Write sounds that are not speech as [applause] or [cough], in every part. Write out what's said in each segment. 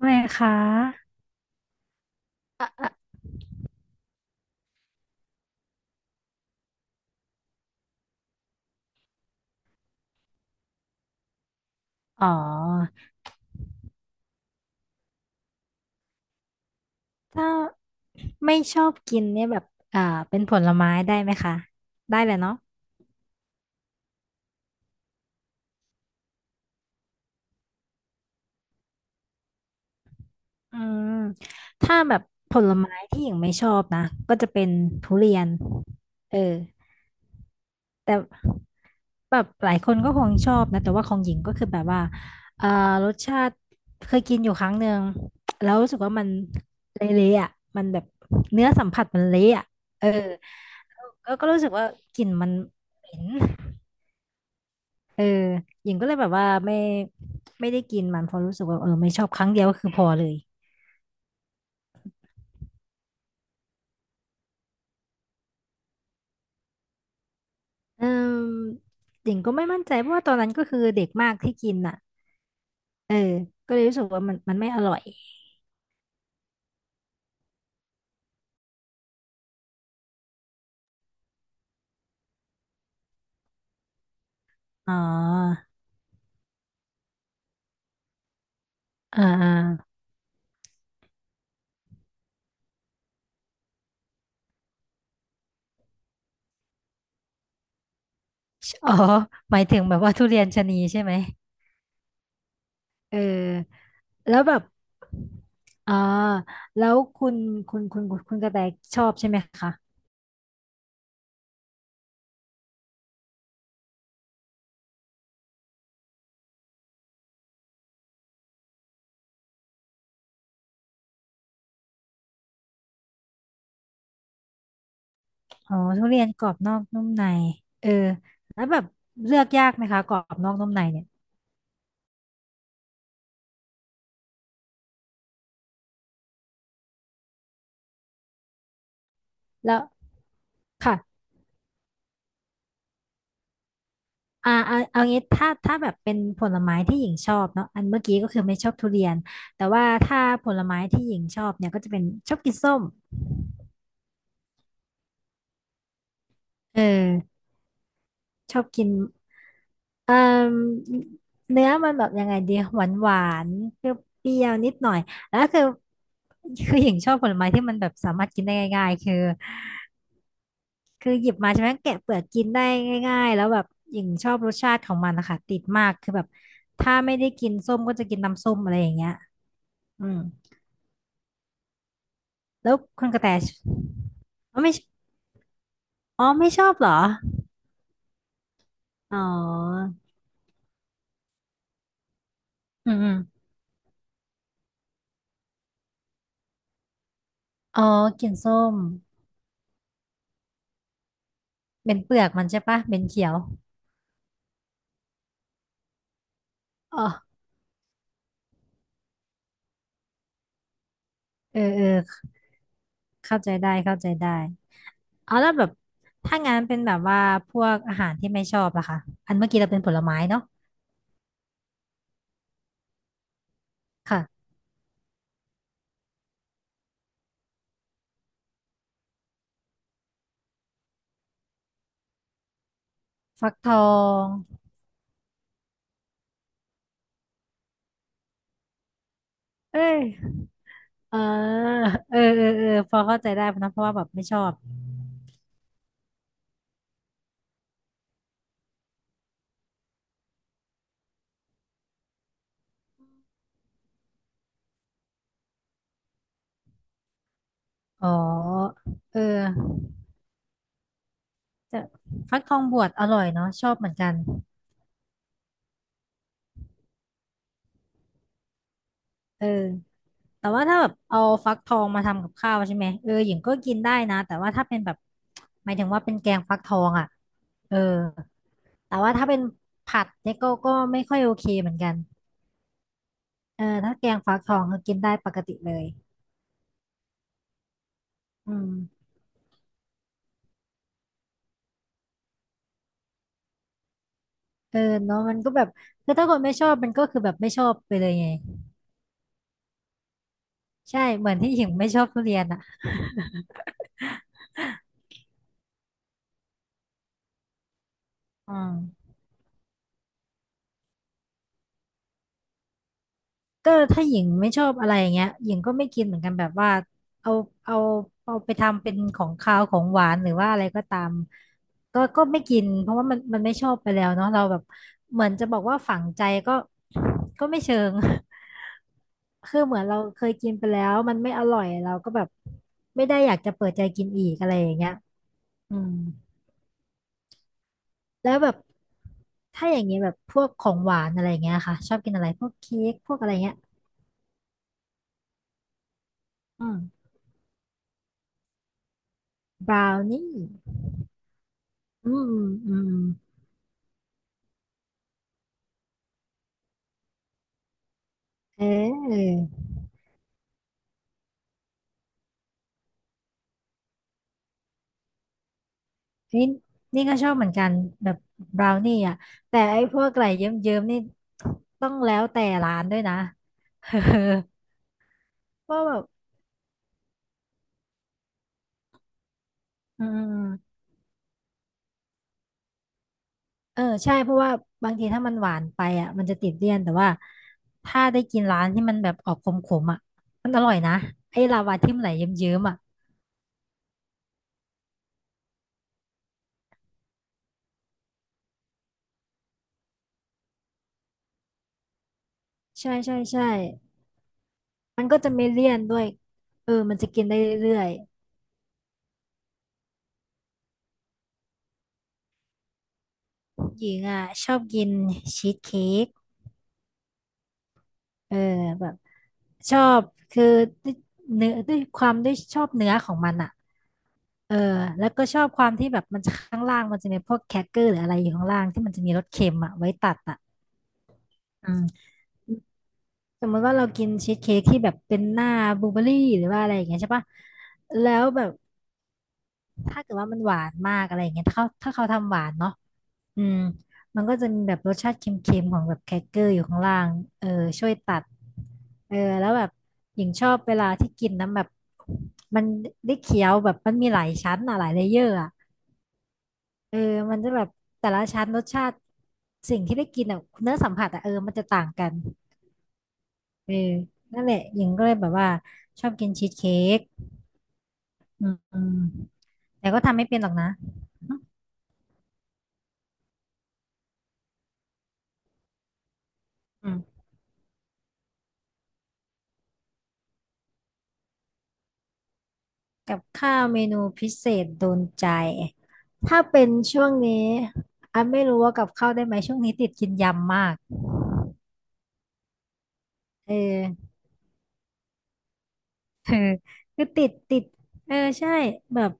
ไม่คะอ่ะอ่ะอ๋อถ้าไม่ชอบกินเนี่ยแบบอ่าเป็นผลไม้ได้ไหมคะ ได้เลยเนาะอืมถ้าแบบผลไม้ที่หญิงไม่ชอบนะก็จะเป็นทุเรียนเออแต่แบบหลายคนก็คงชอบนะแต่ว่าของหญิงก็คือแบบว่าเอ่อรสชาติเคยกินอยู่ครั้งหนึ่ง แล้วรู้สึกว่ามันเละๆอ่ะมันแบบเนื้อสัมผัสมันเละอ่ะเออก็รู้สึกว่ากลิ่นมันเหม็น เออหญิงก็เลยแบบว่าไม่ได้กินมันเพราะรู้สึกว่าเออไม่ชอบครั้งเดียวก็คือพอเลยเออหญิงก็ไม่มั่นใจเพราะว่าตอนนั้นก็คือเด็กมากที่กินอ่ะเออก็เลยรู้สึกว่ามันไม่อร่อยอ๋ออ่าอาอ๋อหมายถึงแบบว่าทุเรียนชะนีใช่ไหมเออแล้วแบบอ่าแล้วคุณคุณกระแตชอบใช่ไหมคะอ๋อทุเรียนกรอบนอกนุ่มในเออแล้วแบบเลือกยากไหมคะกรอบนอกนุ่มในเนี่ย แล้วค่ะอ่าเอาเอางี้ถ้าแบบเป็นผลไม้ที่หญิงชอบเนาะอันเมื่อกี้ก็คือไม่ชอบทุเรียนแต่ว่าถ้าผลไม้ที่หญิงชอบเนี่ยก็จะเป็นชอบกินส้มเออชอบกินเอ่อเนื้อมันแบบยังไงดีหวานหวานเปรี้ยวๆนิดหน่อยแล้วคือคือหญิงชอบผลไม้ที่มันแบบสามารถกินได้ง่ายๆคือ คือหยิบมาใช่ไหมแกะเปลือกกินได้ง่ายๆแล้วแบบหญิงชอบรสชาติของมันนะคะติดมากคือแบบถ้าไม่ได้กินส้มก็จะกินน้ำส้มอะไรอย่างเงี้ยอืมแล้วคุณกระแตอ๋อไม่อ๋อไม่ชอบเหรออ๋ออืมอืมอ๋อกินส้มเป็นเปลือกมันใช่ปะเป็นเขียวอ๋อเออเออเข้าใจได้เข้าใจได้เอาแล้วแบบถ้างั้นเป็นแบบว่าพวกอาหารที่ไม่ชอบล่ะคะอันเมื่อกี้เราเป็นผลไม้เนาะค่ะฟักทองเอ้ย อ่าเออ เออ เออพอเข้าใจได้นะเพราะว่าแบบไม่ชอบ อ๋อเออจะฟักทองบวชอร่อยเนาะชอบเหมือนกัน เออแต่ว่าถ้าแบบเอาฟักทองมาทำกับข้าวใช่ไหม เออหญิงก็กินได้นะ แต่ว่าถ้าเป็นแบบหมายถึงว่าเป็นแกงฟักทองอ่ะเออแต่ว่าถ้าเป็นผัดเนี่ยก็ไม่ค่อยโอเคเหมือนกันเออถ้าแกงฟักทองก็กินได้ปกติเลยอืมเออเนาะมันก็แบบคือถ้าคนไม่ชอบมันก็คือแบบไม่ชอบไปเลยไง ใช่เหมือนที่หญิงไม่ชอบทุเรียนอ่ะอืมก็ถ้าหญิงไม่ชอบอะไรอย่างเงี้ยหญิงก็ไม่กินเหมือนกันแบบว่าเอาเอาเอาไปทำเป็นของคาวของหวานหรือว่าอะไรก็ตามก็ไม่กินเพราะว่ามันไม่ชอบไปแล้วเนาะเราแบบเหมือนจะบอกว่าฝังใจก็ก็ไม่เชิง [laughs] คือเหมือนเราเคยกินไปแล้วมันไม่อร่อยเราก็แบบไม่ได้อยากจะเปิดใจกินอีกอะไรอย่างเงี้ยอืม แล้วแบบถ้าอย่างเงี้ยแบบพวกของหวานอะไรเงี้ยค่ะชอบกินอะไรพวกเค้กพวกอะไรเงี้ยอืมบราวนี่อืมอืมเออนี่นี่ก็ชอบเหมือนกันแบบบราวนี่อ่ะแต่ไอ้พวกอะไรเยิ้มๆนี่ต้องแล้วแต่ร้านด้วยนะ [laughs] เออเพราะแบบอืมอืมเออใช่เพราะว่าบางทีถ้ามันหวานไปอ่ะมันจะติดเลี่ยนแต่ว่าถ้าได้กินร้านที่มันแบบออกขมๆอ่ะมันอร่อยนะไอ้ลาวาที่มันไหลเยิ้มๆอ่ะ ใช่ใช่ใช่มันก็จะไม่เลี่ยนด้วยเออมันจะกินได้เรื่อยๆหญิงอ่ะชอบกินชีสเค้กเออแบบชอบคือด้วยเนื้อด้วยความด้วยชอบเนื้อของมันอ่ะเออแล้วก็ชอบความที่แบบมันจะข้างล่างมันจะมีพวกแครกเกอร์หรืออะไรอยู่ข้างล่างที่มันจะมีรสเค็มอ่ะไว้ตัดอ่ะอืมสมมติว่าเรากินชีสเค้กที่แบบเป็นหน้าบลูเบอร์รี่หรือว่าอะไรอย่างเงี้ยใช่ปะแล้วแบบถ้าเกิดว่ามันหวานมากอะไรอย่างเงี้ยถ้าเขาทำหวานเนาะ อืมมันก็จะมีแบบรสชาติเค็มๆของแบบแครกเกอร์อยู่ข้างล่างเออช่วยตัดเออแล้วแบบหญิงชอบเวลาที่กินนำแบบมันได้เคี้ยวแบบมันมีหลายชั้นอะหลายเลเยอร์อะเออมันจะแบบแต่ละชั้นรสชาติสิ่งที่ได้กินอะเนื้อสัมผัสอะเออมันจะต่างกันเออนั่นแหละหญิงก็เลยแบบว่าชอบกินชีสเค้กอืมอืมแต่ก็ทำไม่เป็นหรอกนะอืม กับข้าวเมนูพิเศษโดนใจถ้าเป็นช่วงนี้อันไม่รู้ว่ากับข้าวได้ไหมช่วงนี้ติดกินยำมากเออ [laughs] เออคือติดติดเออใช่แบบ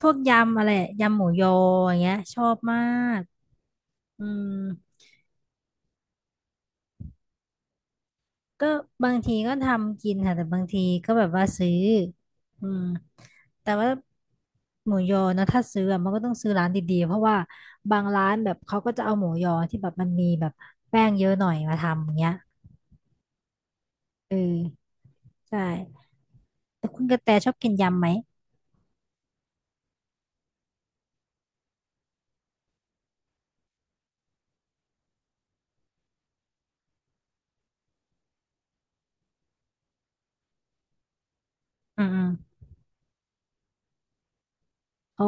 พวกยำอะไรยำหมูยออย่างเงี้ยชอบมากอืม ก็บางทีก็ทำกินค่ะแต่บางทีก็แบบว่าซื้ออืมแต่ว่าหมูยอนะถ้าซื้ออะมันก็ต้องซื้อร้านดีๆเพราะว่าบางร้านแบบเขาก็จะเอาหมูยอที่แบบมันมีแบบแป้งเยอะหน่อยมาทำอย่างเงี้ยเออใช่แต่คุณกระแตชอบกินยำไหมอืมอืมโอ้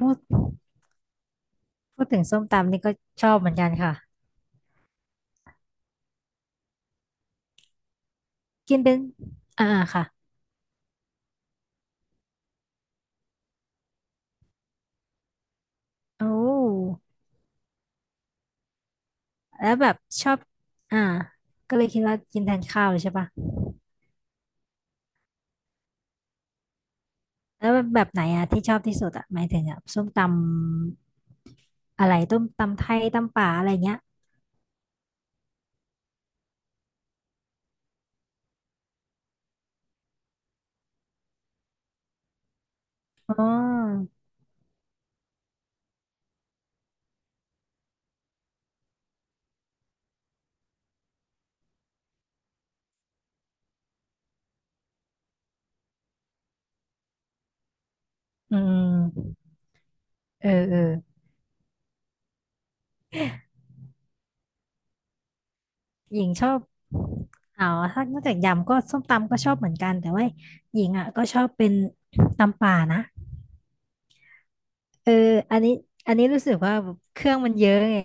พูดพูดถึงส้มตำนี่ก็ชอบเหมือนกันค่ะกินเป็นอ่าค่ะโอ้แล้วแบบชอบอ่าก็เลยคิดว่ากินแทนข้าวเลยใช่ปะ แล้วแบบไหนอะที่ชอบที่สุดอะหมายถึงอะส้มตำอะไรต้มตำไทยตำป่าอะไรเงี้ยอ๋ออืมเออเออหญิงชอบอ๋อถ้านอกจากยำก็ส้มตำก็ชอบเหมือนกันแต่ว่าหญิงอะก็ชอบเป็นตำป่านะเอออันนี้อันนี้รู้สึกว่าแบบเครื่องมันเยอะไง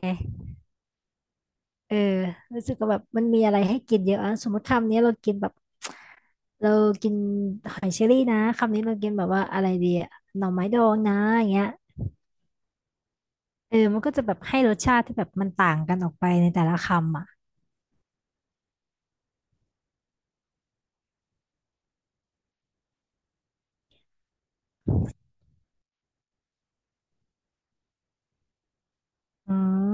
เออรู้สึกว่าแบบมันมีอะไรให้กินเยอะอะสมมติคำนี้เรากินแบบเรากินหอยเชอรี่นะคำนี้เรากินแบบว่าอะไรดีอะหน่อไม้ดองนะอย่างเงี้ยเออมันก็จะแบบให้รสชาติที่แบบมันต่างกันออกไปในแต่ละคำอ่ะอืม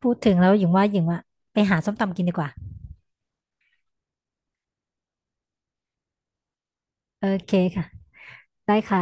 พูดถึงแล้วหญิงว่าไปหาส้มตำกินดีกว่าโอเคค่ะได้ค่ะ